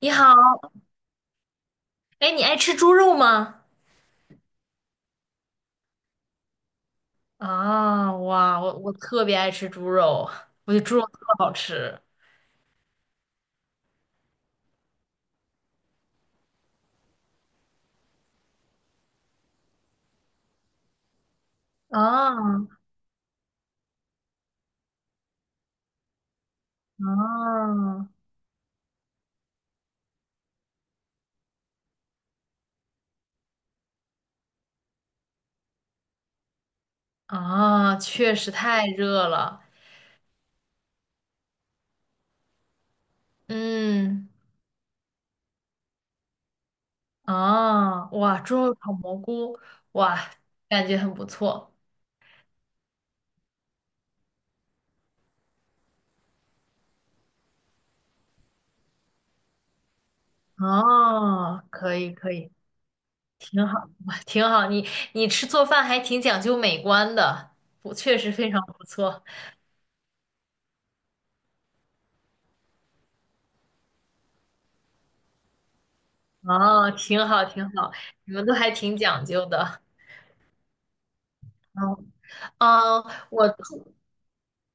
你好，哎，你爱吃猪肉吗？啊，哇，我特别爱吃猪肉，我觉得猪肉特好吃。啊啊啊！确实太热了。嗯，啊，哇，猪肉炒蘑菇，哇，感觉很不错。哦，可以可以，挺好，哇，挺好。你吃做饭还挺讲究美观的，不，确实非常不错。哦，挺好挺好，你们都还挺讲究的。嗯嗯，我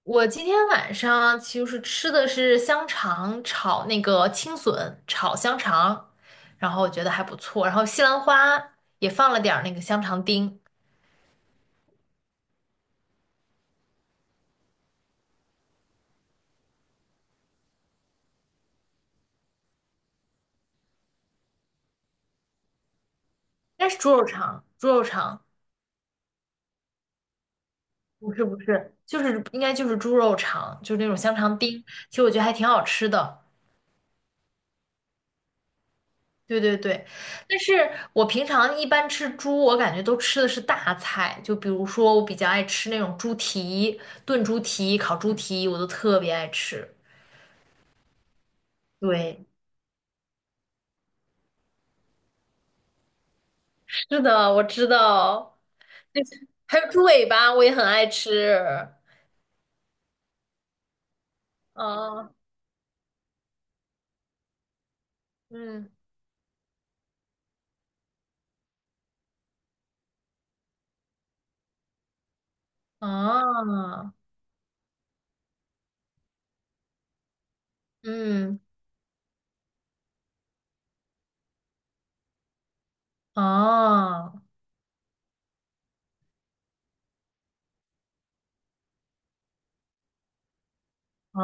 我今天晚上就是吃的是香肠炒那个青笋炒香肠，然后我觉得还不错，然后西兰花也放了点儿那个香肠丁，应该是猪肉肠，猪肉肠不是不是，就是应该就是猪肉肠，就是那种香肠丁，其实我觉得还挺好吃的。对对对，但是我平常一般吃猪，我感觉都吃的是大菜，就比如说我比较爱吃那种猪蹄、炖猪蹄、烤猪蹄，我都特别爱吃。对，是的，我知道，还有猪尾巴，我也很爱吃。啊，嗯，啊，嗯，啊。哦，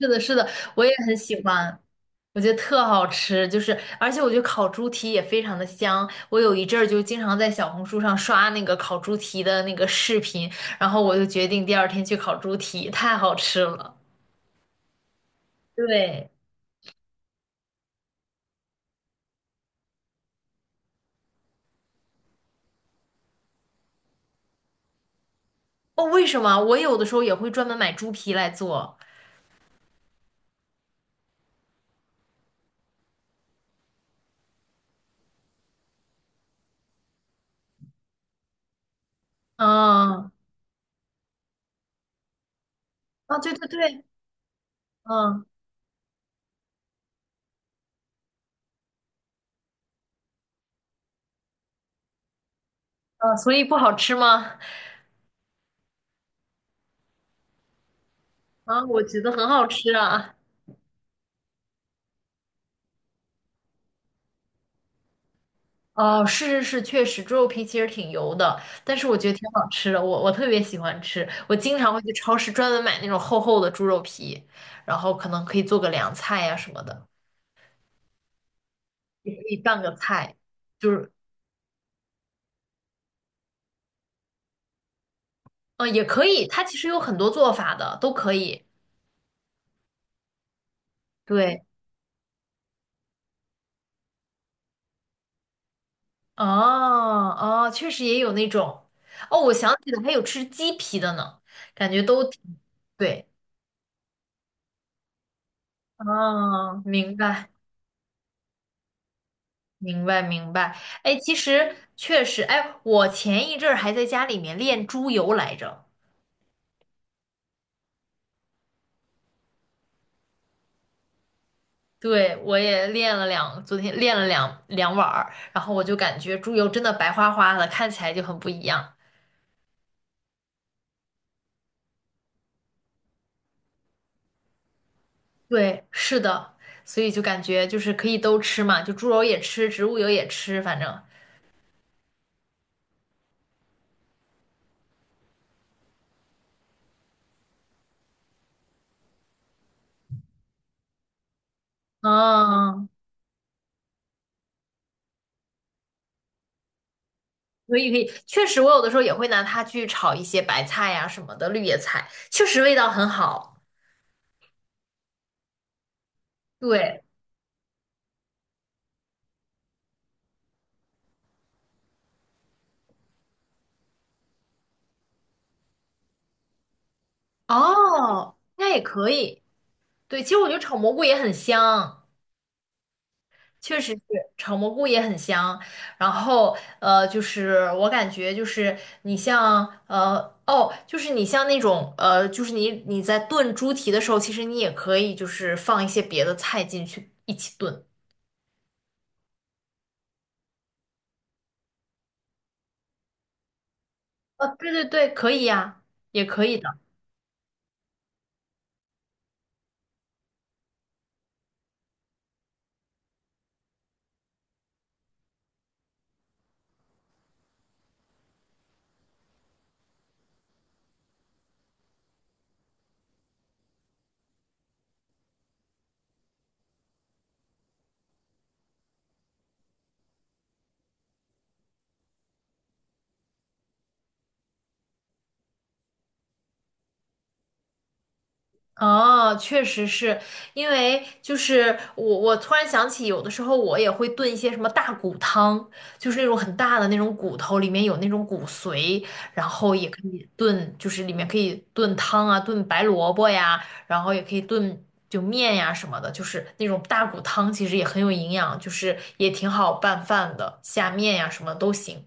是的，是的，我也很喜欢，我觉得特好吃，就是而且我觉得烤猪蹄也非常的香。我有一阵儿就经常在小红书上刷那个烤猪蹄的那个视频，然后我就决定第二天去烤猪蹄，太好吃了。对，哦，为什么？我有的时候也会专门买猪皮来做。嗯，啊，对对对，嗯，啊，所以不好吃吗？啊，我觉得很好吃啊。哦，是是是，确实，猪肉皮其实挺油的，但是我觉得挺好吃的，我特别喜欢吃，我经常会去超市专门买那种厚厚的猪肉皮，然后可能可以做个凉菜呀、什么的，也可以拌个菜，就是嗯也可以，它其实有很多做法的，都可以。对，哦哦，确实也有那种，哦，我想起来还有吃鸡皮的呢，感觉都挺对，哦，明白。明白明白，哎，其实确实，哎，我前一阵儿还在家里面练猪油来着，对，我也练了两，昨天练了两碗儿，然后我就感觉猪油真的白花花的，看起来就很不一样。对，是的，所以就感觉就是可以都吃嘛，就猪油也吃，植物油也吃，反正，嗯，可以可以，确实，我有的时候也会拿它去炒一些白菜呀、什么的，绿叶菜，确实味道很好。对，哦，那也可以。对，其实我觉得炒蘑菇也很香，确实是炒蘑菇也很香。然后就是我感觉就是你像哦，就是你像那种就是你在炖猪蹄的时候，其实你也可以就是放一些别的菜进去一起炖。啊，对对对，可以呀，也可以的。哦，确实是因为就是我，我突然想起，有的时候我也会炖一些什么大骨汤，就是那种很大的那种骨头，里面有那种骨髓，然后也可以炖，就是里面可以炖汤啊，炖白萝卜呀，然后也可以炖就面呀什么的，就是那种大骨汤其实也很有营养，就是也挺好拌饭的，下面呀什么都行。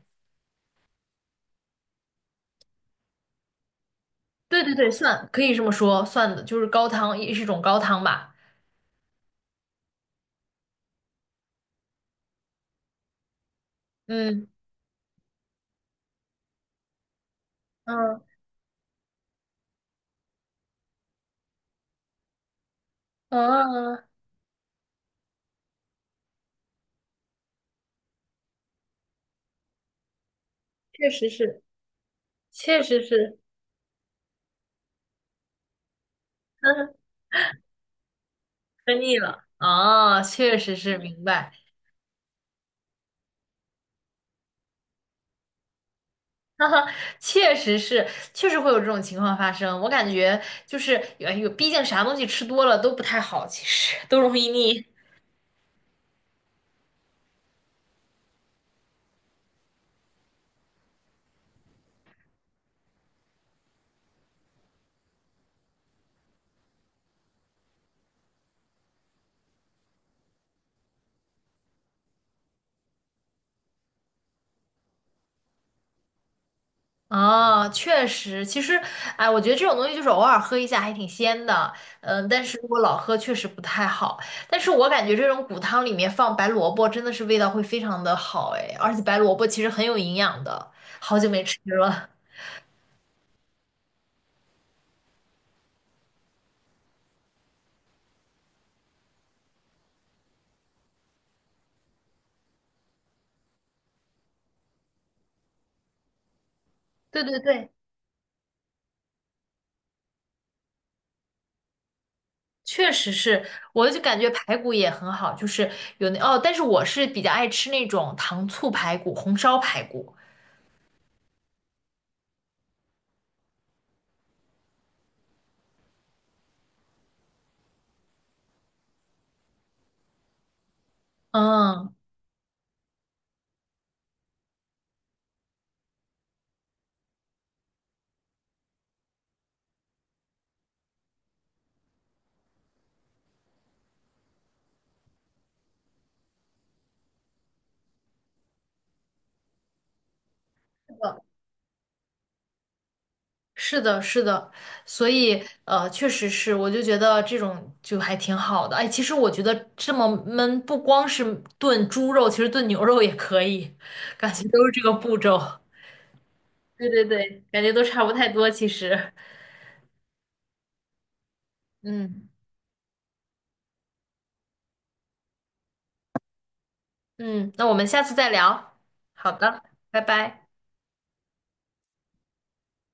对对对，算可以这么说，算的就是高汤，也是一种高汤吧。嗯嗯嗯。确实是，确实是，呵呵，喝腻了。啊！确实是，明白。哈哈，确实是，确实会有这种情况发生。我感觉就是，哎呦，毕竟啥东西吃多了都不太好，其实都容易腻。啊。确实，其实，哎，我觉得这种东西就是偶尔喝一下还挺鲜的，嗯，但是如果老喝确实不太好。但是我感觉这种骨汤里面放白萝卜真的是味道会非常的好，哎，而且白萝卜其实很有营养的，好久没吃了。对对对，确实是，我就感觉排骨也很好，就是有那哦，但是我是比较爱吃那种糖醋排骨、红烧排骨。嗯，是的，是的，是的，所以确实是，我就觉得这种就还挺好的。哎，其实我觉得这么焖，不光是炖猪肉，其实炖牛肉也可以，感觉都是这个步骤。对对对，感觉都差不太多，其实。嗯嗯，那我们下次再聊。好的，拜拜。